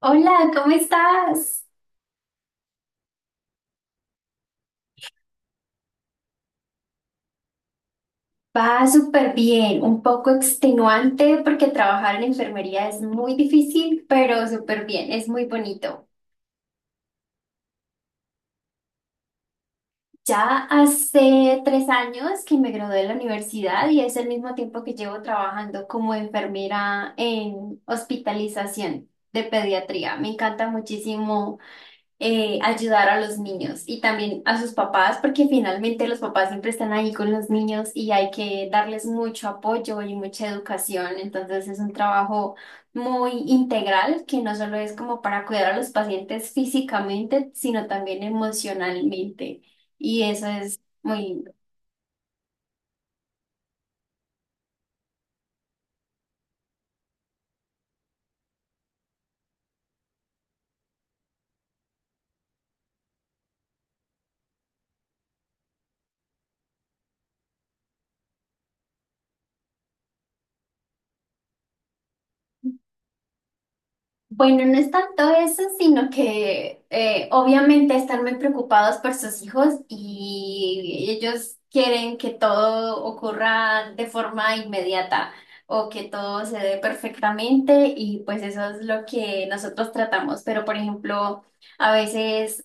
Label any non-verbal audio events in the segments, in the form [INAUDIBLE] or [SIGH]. Hola, ¿cómo estás? Va súper bien, un poco extenuante porque trabajar en enfermería es muy difícil, pero súper bien, es muy bonito. Ya hace 3 años que me gradué de la universidad y es el mismo tiempo que llevo trabajando como enfermera en hospitalización de pediatría. Me encanta muchísimo ayudar a los niños y también a sus papás, porque finalmente los papás siempre están ahí con los niños y hay que darles mucho apoyo y mucha educación. Entonces es un trabajo muy integral que no solo es como para cuidar a los pacientes físicamente, sino también emocionalmente. Y eso es muy, Bueno, no es tanto eso, sino que obviamente están muy preocupados por sus hijos y ellos quieren que todo ocurra de forma inmediata o que todo se dé perfectamente y pues eso es lo que nosotros tratamos. Pero por ejemplo, a veces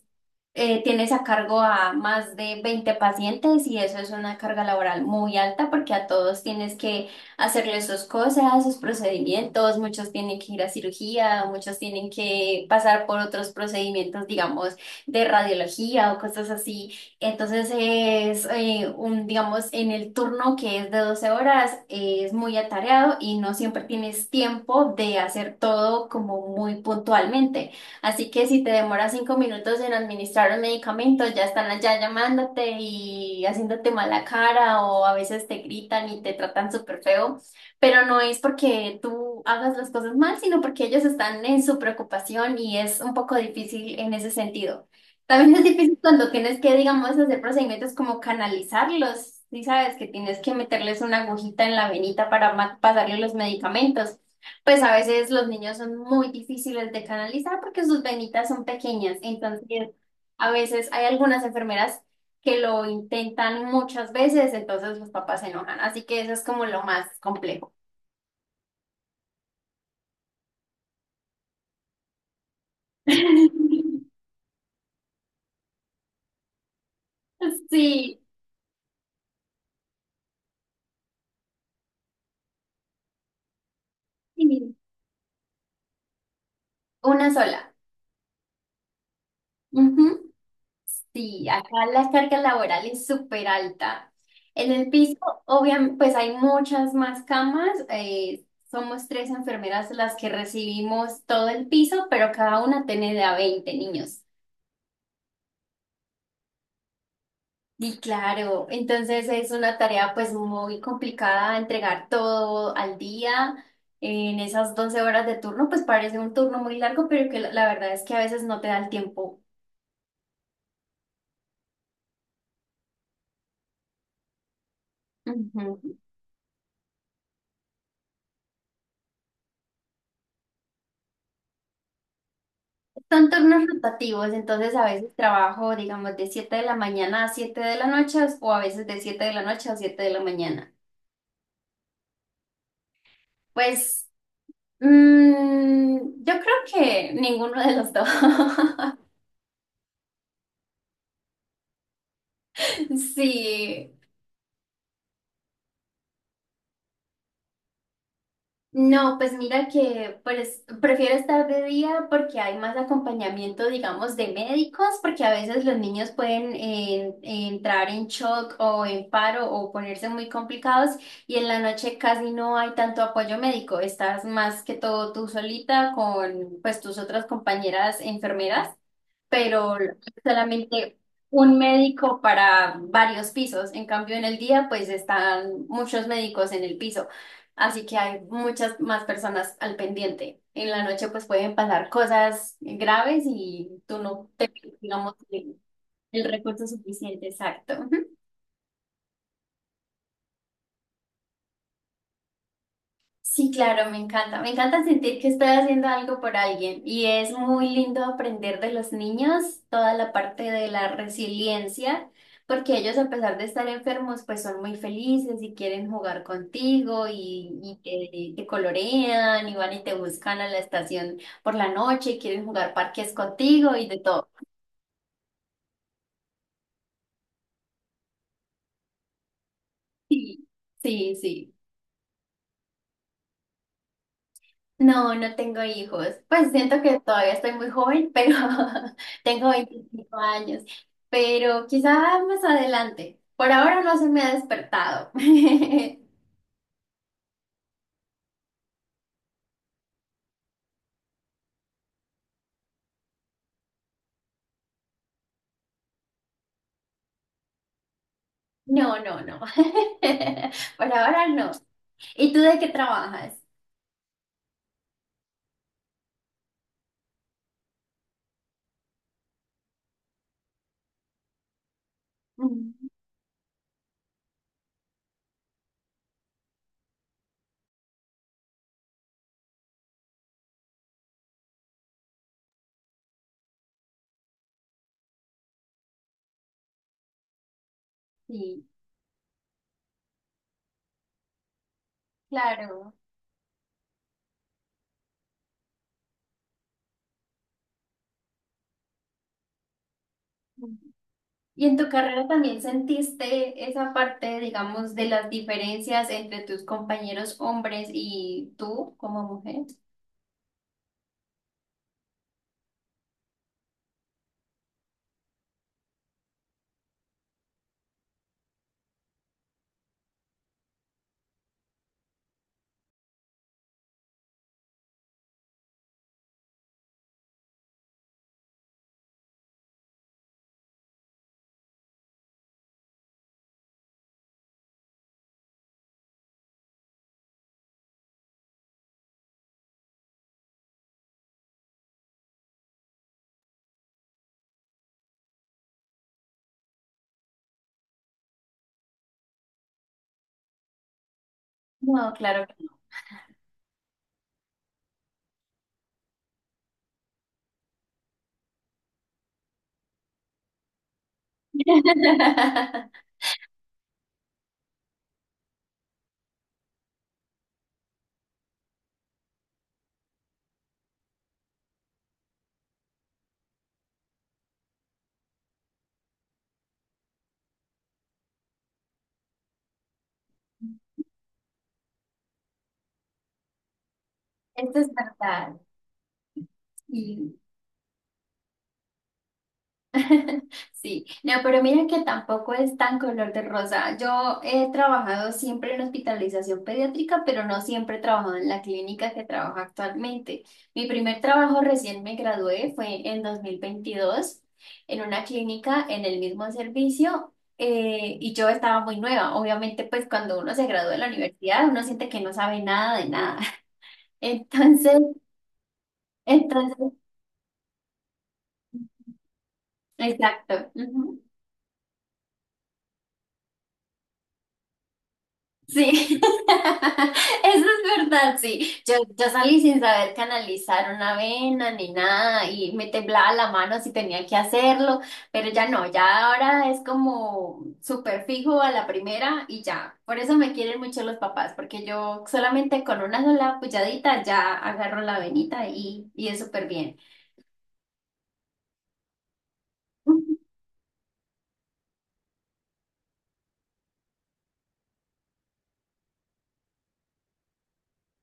tienes a cargo a más de 20 pacientes y eso es una carga laboral muy alta porque a todos tienes que hacerles sus cosas, sus procedimientos, muchos tienen que ir a cirugía, muchos tienen que pasar por otros procedimientos, digamos, de radiología o cosas así. Entonces es un, digamos, en el turno que es de 12 horas, es muy atareado y no siempre tienes tiempo de hacer todo como muy puntualmente. Así que si te demoras 5 minutos en administrar un medicamento, ya están allá llamándote y haciéndote mala cara o a veces te gritan y te tratan súper feo, pero no es porque tú hagas las cosas mal, sino porque ellos están en su preocupación y es un poco difícil en ese sentido. También es difícil cuando tienes que, digamos, hacer procedimientos como canalizarlos, si sabes que tienes que meterles una agujita en la venita para pasarle los medicamentos. Pues a veces los niños son muy difíciles de canalizar porque sus venitas son pequeñas. Entonces, a veces hay algunas enfermeras que lo intentan muchas veces, entonces los papás se enojan. Así que eso es como lo más complejo. [LAUGHS] Sí, sí, una sola. Ujú. Sí, acá la carga laboral es súper alta. En el piso, obviamente, pues hay muchas más camas. Somos tres enfermeras las que recibimos todo el piso, pero cada una tiene de a 20 niños. Y claro, entonces es una tarea pues muy complicada entregar todo al día. En esas 12 horas de turno, pues parece un turno muy largo, pero que la verdad es que a veces no te da el tiempo. Ujú. Son turnos rotativos, entonces a veces trabajo, digamos, de 7 de la mañana a 7 de la noche o a veces de 7 de la noche a 7 de la mañana. Pues mm, yo creo que ninguno de los dos. [LAUGHS] Sí, no, pues mira que pues, prefiero estar de día porque hay más acompañamiento, digamos, de médicos, porque a veces los niños pueden entrar en shock o en paro o ponerse muy complicados y en la noche casi no hay tanto apoyo médico. Estás más que todo tú solita con pues tus otras compañeras enfermeras, pero solamente un médico para varios pisos. En cambio, en el día, pues están muchos médicos en el piso, así que hay muchas más personas al pendiente. En la noche, pues pueden pasar cosas graves y tú no te, digamos, el recurso suficiente, exacto. Sí, claro, me encanta. Me encanta sentir que estoy haciendo algo por alguien y es muy lindo aprender de los niños toda la parte de la resiliencia, porque ellos a pesar de estar enfermos, pues son muy felices y quieren jugar contigo y te colorean y van y te buscan a la estación por la noche y quieren jugar parques contigo y de todo. Sí, sí, sí. No, no tengo hijos. Pues siento que todavía estoy muy joven, pero [LAUGHS] tengo 25 años. Pero quizá más adelante. Por ahora no se me ha despertado. [LAUGHS] No, no, no. [LAUGHS] Por ahora no. ¿Y tú de qué trabajas? Mm. Sí, claro. Mm. ¿Y en tu carrera también sentiste esa parte, digamos, de las diferencias entre tus compañeros hombres y tú como mujer? No, claro que no. [LAUGHS] Esto es verdad, sí. [LAUGHS] Sí, no, pero mira que tampoco es tan color de rosa. Yo he trabajado siempre en hospitalización pediátrica, pero no siempre he trabajado en la clínica que trabajo actualmente. Mi primer trabajo recién me gradué fue en 2022, en una clínica en el mismo servicio y yo estaba muy nueva. Obviamente, pues cuando uno se gradúa de la universidad, uno siente que no sabe nada de nada. [LAUGHS] Entonces, entonces, exacto. Ujú. Sí, [LAUGHS] eso es verdad, sí. Yo salí sin saber canalizar una vena ni nada y me temblaba la mano si tenía que hacerlo, pero ya no, ya ahora es como súper fijo a la primera y ya. Por eso me quieren mucho los papás, porque yo solamente con una sola puyadita ya agarro la venita y es súper bien.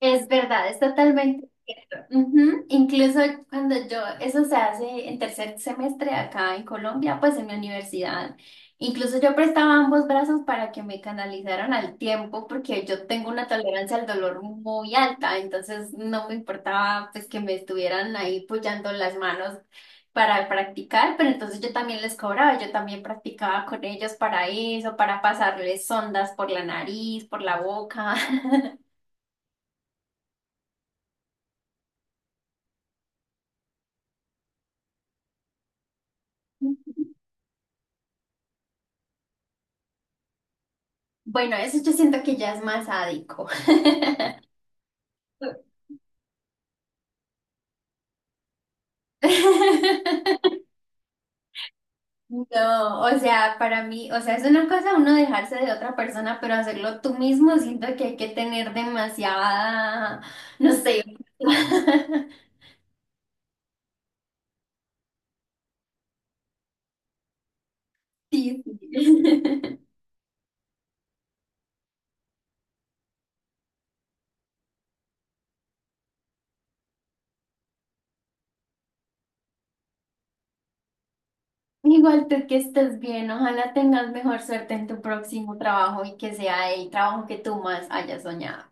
Es verdad, es totalmente cierto. Ujú, incluso cuando yo, eso se hace en tercer semestre acá en Colombia, pues en mi universidad, incluso yo prestaba ambos brazos para que me canalizaran al tiempo, porque yo tengo una tolerancia al dolor muy alta, entonces no me importaba pues que me estuvieran ahí apoyando las manos para practicar, pero entonces yo también les cobraba, yo también practicaba con ellos para eso, para pasarles sondas por la nariz, por la boca. [LAUGHS] Bueno, eso yo siento que ya es más sádico. [LAUGHS] No, o sea, para mí, o sea, es una cosa uno dejarse de otra persona, pero hacerlo tú mismo, siento que hay que tener demasiada, no sé. [LAUGHS] Sí, sí. [LAUGHS] Igual tú que estés bien, ojalá tengas mejor suerte en tu próximo trabajo y que sea el trabajo que tú más hayas soñado.